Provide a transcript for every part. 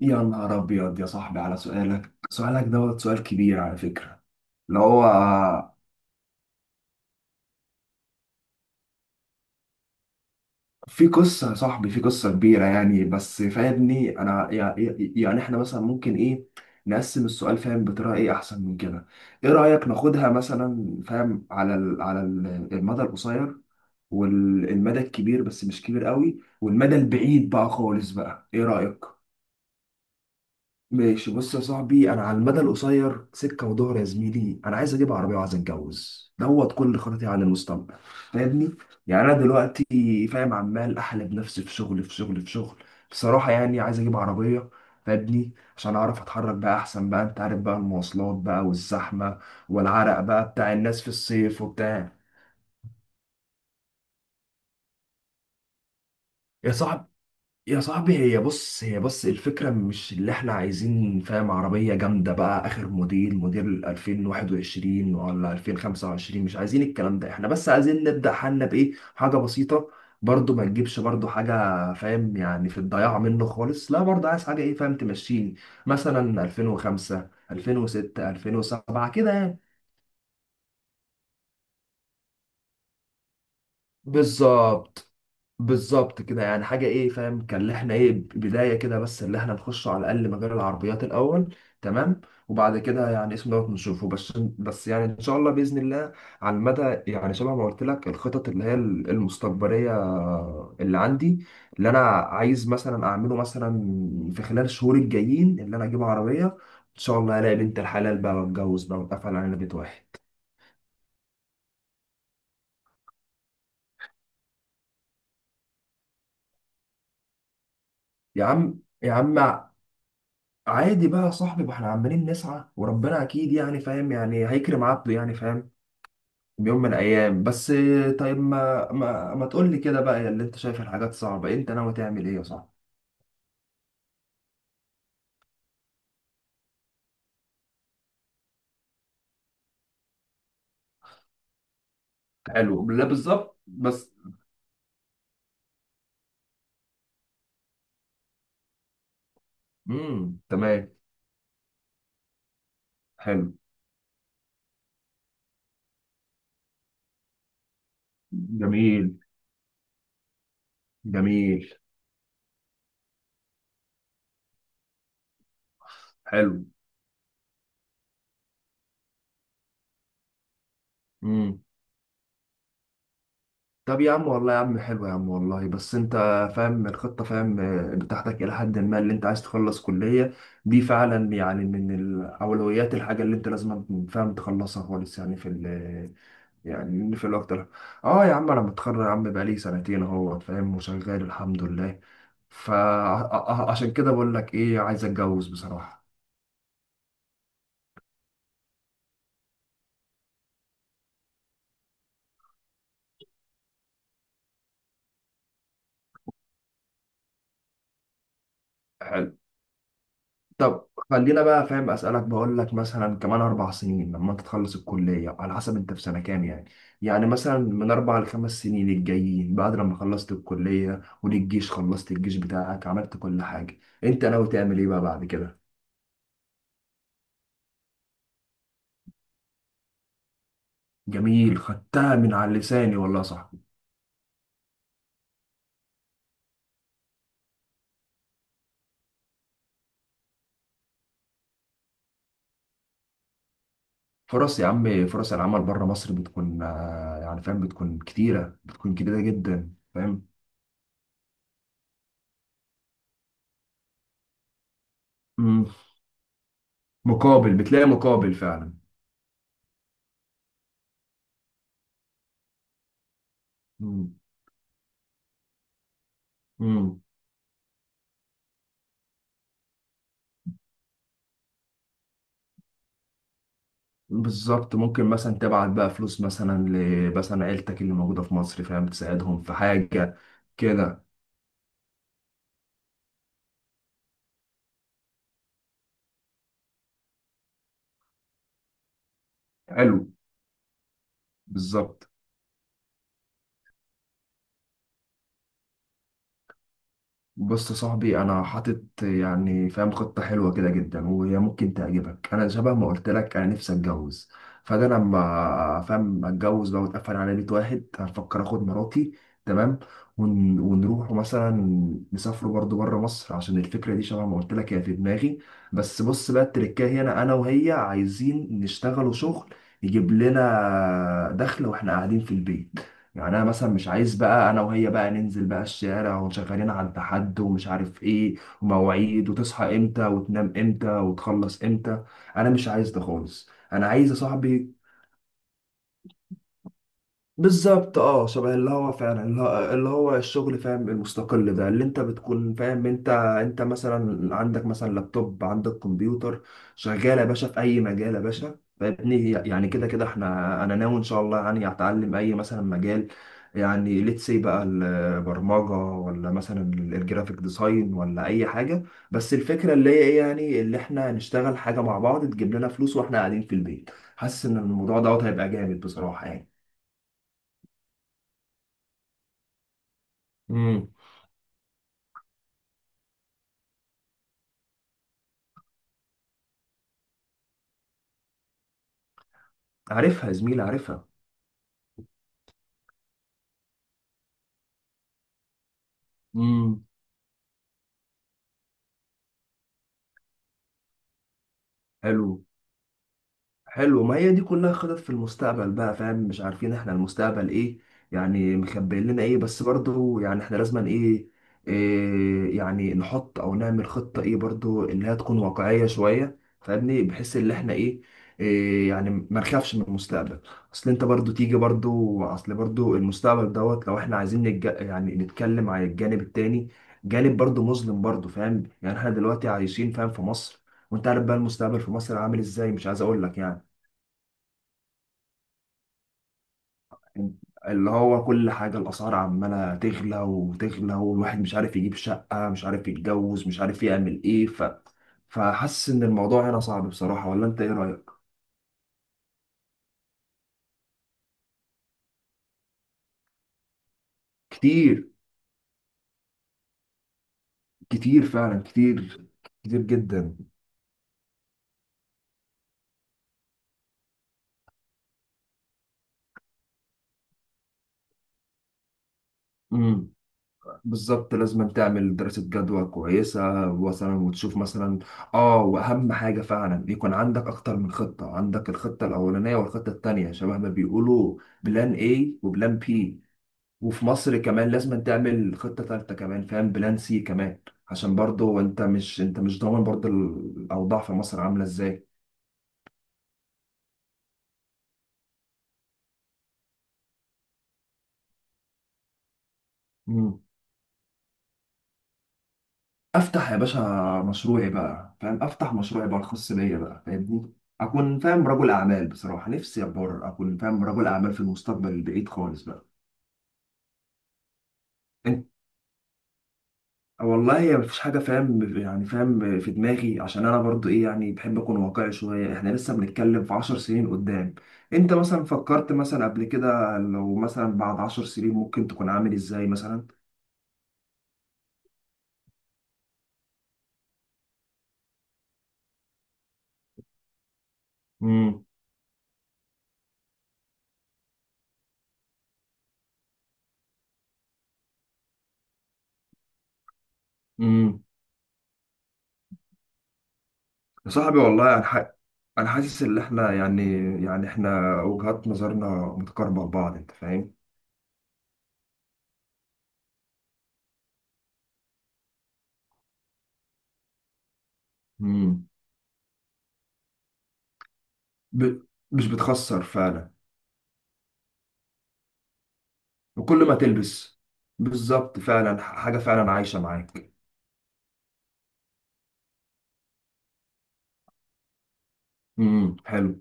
يا نهار أبيض يا صاحبي على سؤالك، سؤال كبير على فكرة. اللي هو في قصة يا صاحبي، في قصة كبيرة يعني، بس فاهمني أنا يعني. يعني إحنا مثلا ممكن إيه، نقسم السؤال فاهم بطريقة إيه أحسن من كده. إيه رأيك ناخدها مثلا فاهم على المدى القصير، والمدى الكبير بس مش كبير قوي، والمدى البعيد بقى خالص بقى، إيه رأيك؟ ماشي بص يا صاحبي، انا على المدى القصير سكه ودهر يا زميلي. انا عايز اجيب عربيه وعايز اتجوز، كل خططي عن المستقبل. فاهمني، يعني انا دلوقتي فاهم عمال احلب نفسي في شغل في شغل في شغل. بصراحه يعني عايز اجيب عربيه فاهمني، عشان اعرف اتحرك بقى احسن بقى، انت عارف بقى المواصلات بقى والزحمه، والعرق بقى بتاع الناس في الصيف وبتاع. يا صاحبي، يا صاحبي، هي بص الفكرة مش اللي احنا عايزين فاهم عربية جامدة بقى آخر موديل، موديل 2021 ولا 2025. مش عايزين الكلام ده، احنا بس عايزين نبدأ حالنا بإيه، حاجة بسيطة. برضو ما تجيبش برضو حاجة فاهم يعني في الضياع منه خالص، لا برضو عايز حاجة إيه فاهم تمشيني، مثلا 2005، 2006، 2007 كده يعني. بالظبط، بالظبط كده. يعني حاجة ايه فاهم كان، اللي احنا ايه بداية كده، بس اللي احنا نخش على الأقل مجال العربيات الأول. تمام. وبعد كده يعني اسم نشوفه، بس يعني إن شاء الله بإذن الله. على المدى، يعني شبه ما قلت لك الخطط اللي هي المستقبلية اللي عندي، اللي أنا عايز مثلا أعمله مثلا في خلال الشهور الجايين، اللي أنا أجيب عربية، إن شاء الله ألاقي بنت الحلال بقى وأتجوز بقى وأتقفل علينا بيت واحد. يا عم، عادي بقى يا صاحبي، ما احنا عمالين نسعى وربنا اكيد يعني فاهم يعني هيكرم عبده يعني فاهم. بيوم من الايام. بس طيب ما تقول لي كده بقى، يا اللي انت شايف الحاجات صعبة، انت ناوي تعمل ايه يا صاحبي؟ حلو لا بالظبط بس، تمام. حلو. جميل. جميل. حلو. مم. طب يا عم والله، يا عم حلو يا عم والله. بس انت فاهم الخطة فاهم بتاعتك الى حد ما، اللي انت عايز تخلص كلية، دي فعلا يعني من الاولويات، الحاجة اللي انت لازم فاهم تخلصها خالص يعني في ال، يعني في الوقت ده. اه يا عم، انا متخرج يا عم بقالي سنتين اهو فاهم، وشغال الحمد لله. فعشان كده بقول لك ايه، عايز اتجوز بصراحة. طب خلينا بقى فاهم اسالك، بقول لك مثلا كمان اربع سنين لما انت تخلص الكليه، على حسب انت في سنه كام يعني، يعني مثلا من اربع لخمس سنين الجايين، بعد لما خلصت الكليه والجيش، خلصت الجيش بتاعك، عملت كل حاجه، انت ناوي تعمل ايه بقى بعد كده؟ جميل، خدتها من على لساني والله يا صاحبي. فرص يا عم، فرص العمل بره مصر بتكون يعني فاهم بتكون كتيره، بتكون كتيره جدا فاهم. مم. مقابل، بتلاقي مقابل فعلا. مم. مم. بالظبط، ممكن مثلا تبعت بقى فلوس مثلا ل مثلا عيلتك اللي موجودة في مصر فاهم، تساعدهم في حاجة كده. حلو. بالظبط. بص يا صاحبي، انا حاطط يعني فاهم خطه حلوه كده جدا وهي ممكن تعجبك. انا شبه ما قلت لك، انا نفسي اتجوز. فانا لما فاهم اتجوز بقى واتقفل على بيت واحد، هفكر اخد مراتي. تمام. ونروح مثلا، نسافروا برضو بره مصر، عشان الفكره دي شبه ما قلت لك هي في دماغي. بس بص بقى، التركايه هنا انا وهي عايزين نشتغلوا شغل، يجيب لنا دخل واحنا قاعدين في البيت. يعني انا مثلا مش عايز بقى انا وهي بقى ننزل بقى الشارع وشغالين على التحد ومش عارف ايه، ومواعيد وتصحى امتى وتنام امتى وتخلص امتى. انا مش عايز ده خالص، انا عايز يا صاحبي. بالظبط اه، شبه اللي هو فعلا اللي هو الشغل فاهم المستقل ده، اللي انت بتكون فاهم، انت مثلا عندك مثلا لابتوب، عندك كمبيوتر، شغال يا باشا في اي مجال يا باشا. فابني يعني كده كده احنا، انا ناوي ان شاء الله يعني اتعلم اي مثلا مجال، يعني ليتس سي بقى البرمجه، ولا مثلا الجرافيك ديزاين، ولا اي حاجه. بس الفكره اللي هي ايه يعني، اللي احنا نشتغل حاجه مع بعض تجيب لنا فلوس واحنا قاعدين في البيت. حاسس ان الموضوع هيبقى جامد بصراحه يعني. عارفها يا زميلي، عارفها. امم حلو. حلو. ما هي دي كلها خطط في المستقبل بقى فاهم، مش عارفين احنا المستقبل ايه، يعني مخبئين لنا ايه. بس برضو يعني احنا لازم إيه يعني، نحط او نعمل خطة ايه، برضو انها تكون واقعية شوية فاهمني، بحيث ان احنا إيه يعني ما نخافش من المستقبل. اصل انت برضو تيجي برضو، اصل برضو المستقبل لو احنا عايزين يعني نتكلم على الجانب التاني، جانب برضو مظلم برضو فاهم. يعني احنا دلوقتي عايشين فاهم في مصر، وانت عارف بقى المستقبل في مصر عامل ازاي، مش عايز اقول لك يعني. اللي هو كل حاجة، الأسعار عمالة تغلى وتغلى، والواحد مش عارف يجيب شقة، مش عارف يتجوز، مش عارف يعمل إيه فحاسس إن الموضوع هنا صعب بصراحة، ولا أنت إيه رأيك؟ كتير. كتير فعلا، كتير. كتير جدا. امم بالظبط، لازم تعمل دراسة جدوى كويسة مثلا، وتشوف مثلا. اه، واهم حاجة فعلا يكون عندك اكتر من خطة، عندك الخطة الاولانية والخطة التانية شبه ما بيقولوا، بلان A وبلان B. وفي مصر كمان لازم تعمل خطة ثالثة كمان فاهم، بلان سي كمان، عشان برضو انت مش ضامن برضو الأوضاع في مصر عاملة ازاي. مم. افتح يا باشا مشروعي بقى فاهم، افتح مشروعي بقى الخاص بيا بقى فاهمني. اكون فاهم رجل اعمال، بصراحة نفسي ابقى اكون فاهم رجل اعمال في المستقبل البعيد خالص بقى. والله هي مفيش حاجة فاهم يعني فاهم في دماغي، عشان أنا برضو إيه يعني بحب أكون واقعي شوية، إحنا لسه بنتكلم في عشر سنين قدام. أنت مثلا فكرت مثلا قبل كده لو مثلا بعد عشر سنين ممكن تكون عامل إزاي مثلا؟ امم امم يا صاحبي والله انا انا حاسس ان احنا يعني، يعني احنا وجهات نظرنا متقاربه لبعض انت فاهم. امم ب... مش بتخسر فعلا. وكل ما تلبس، بالظبط فعلا، حاجه فعلا عايشه معاك. حلو.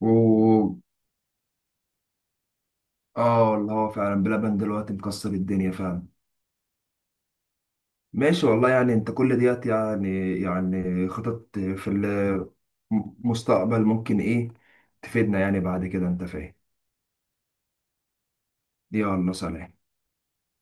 و، اه اللي هو فعلا بلبن دلوقتي مكسر الدنيا فعلا. ماشي والله، يعني انت كل ديت يعني يعني خطط في المستقبل، ممكن ايه تفيدنا يعني بعد كده انت فاهم. يلا سلام.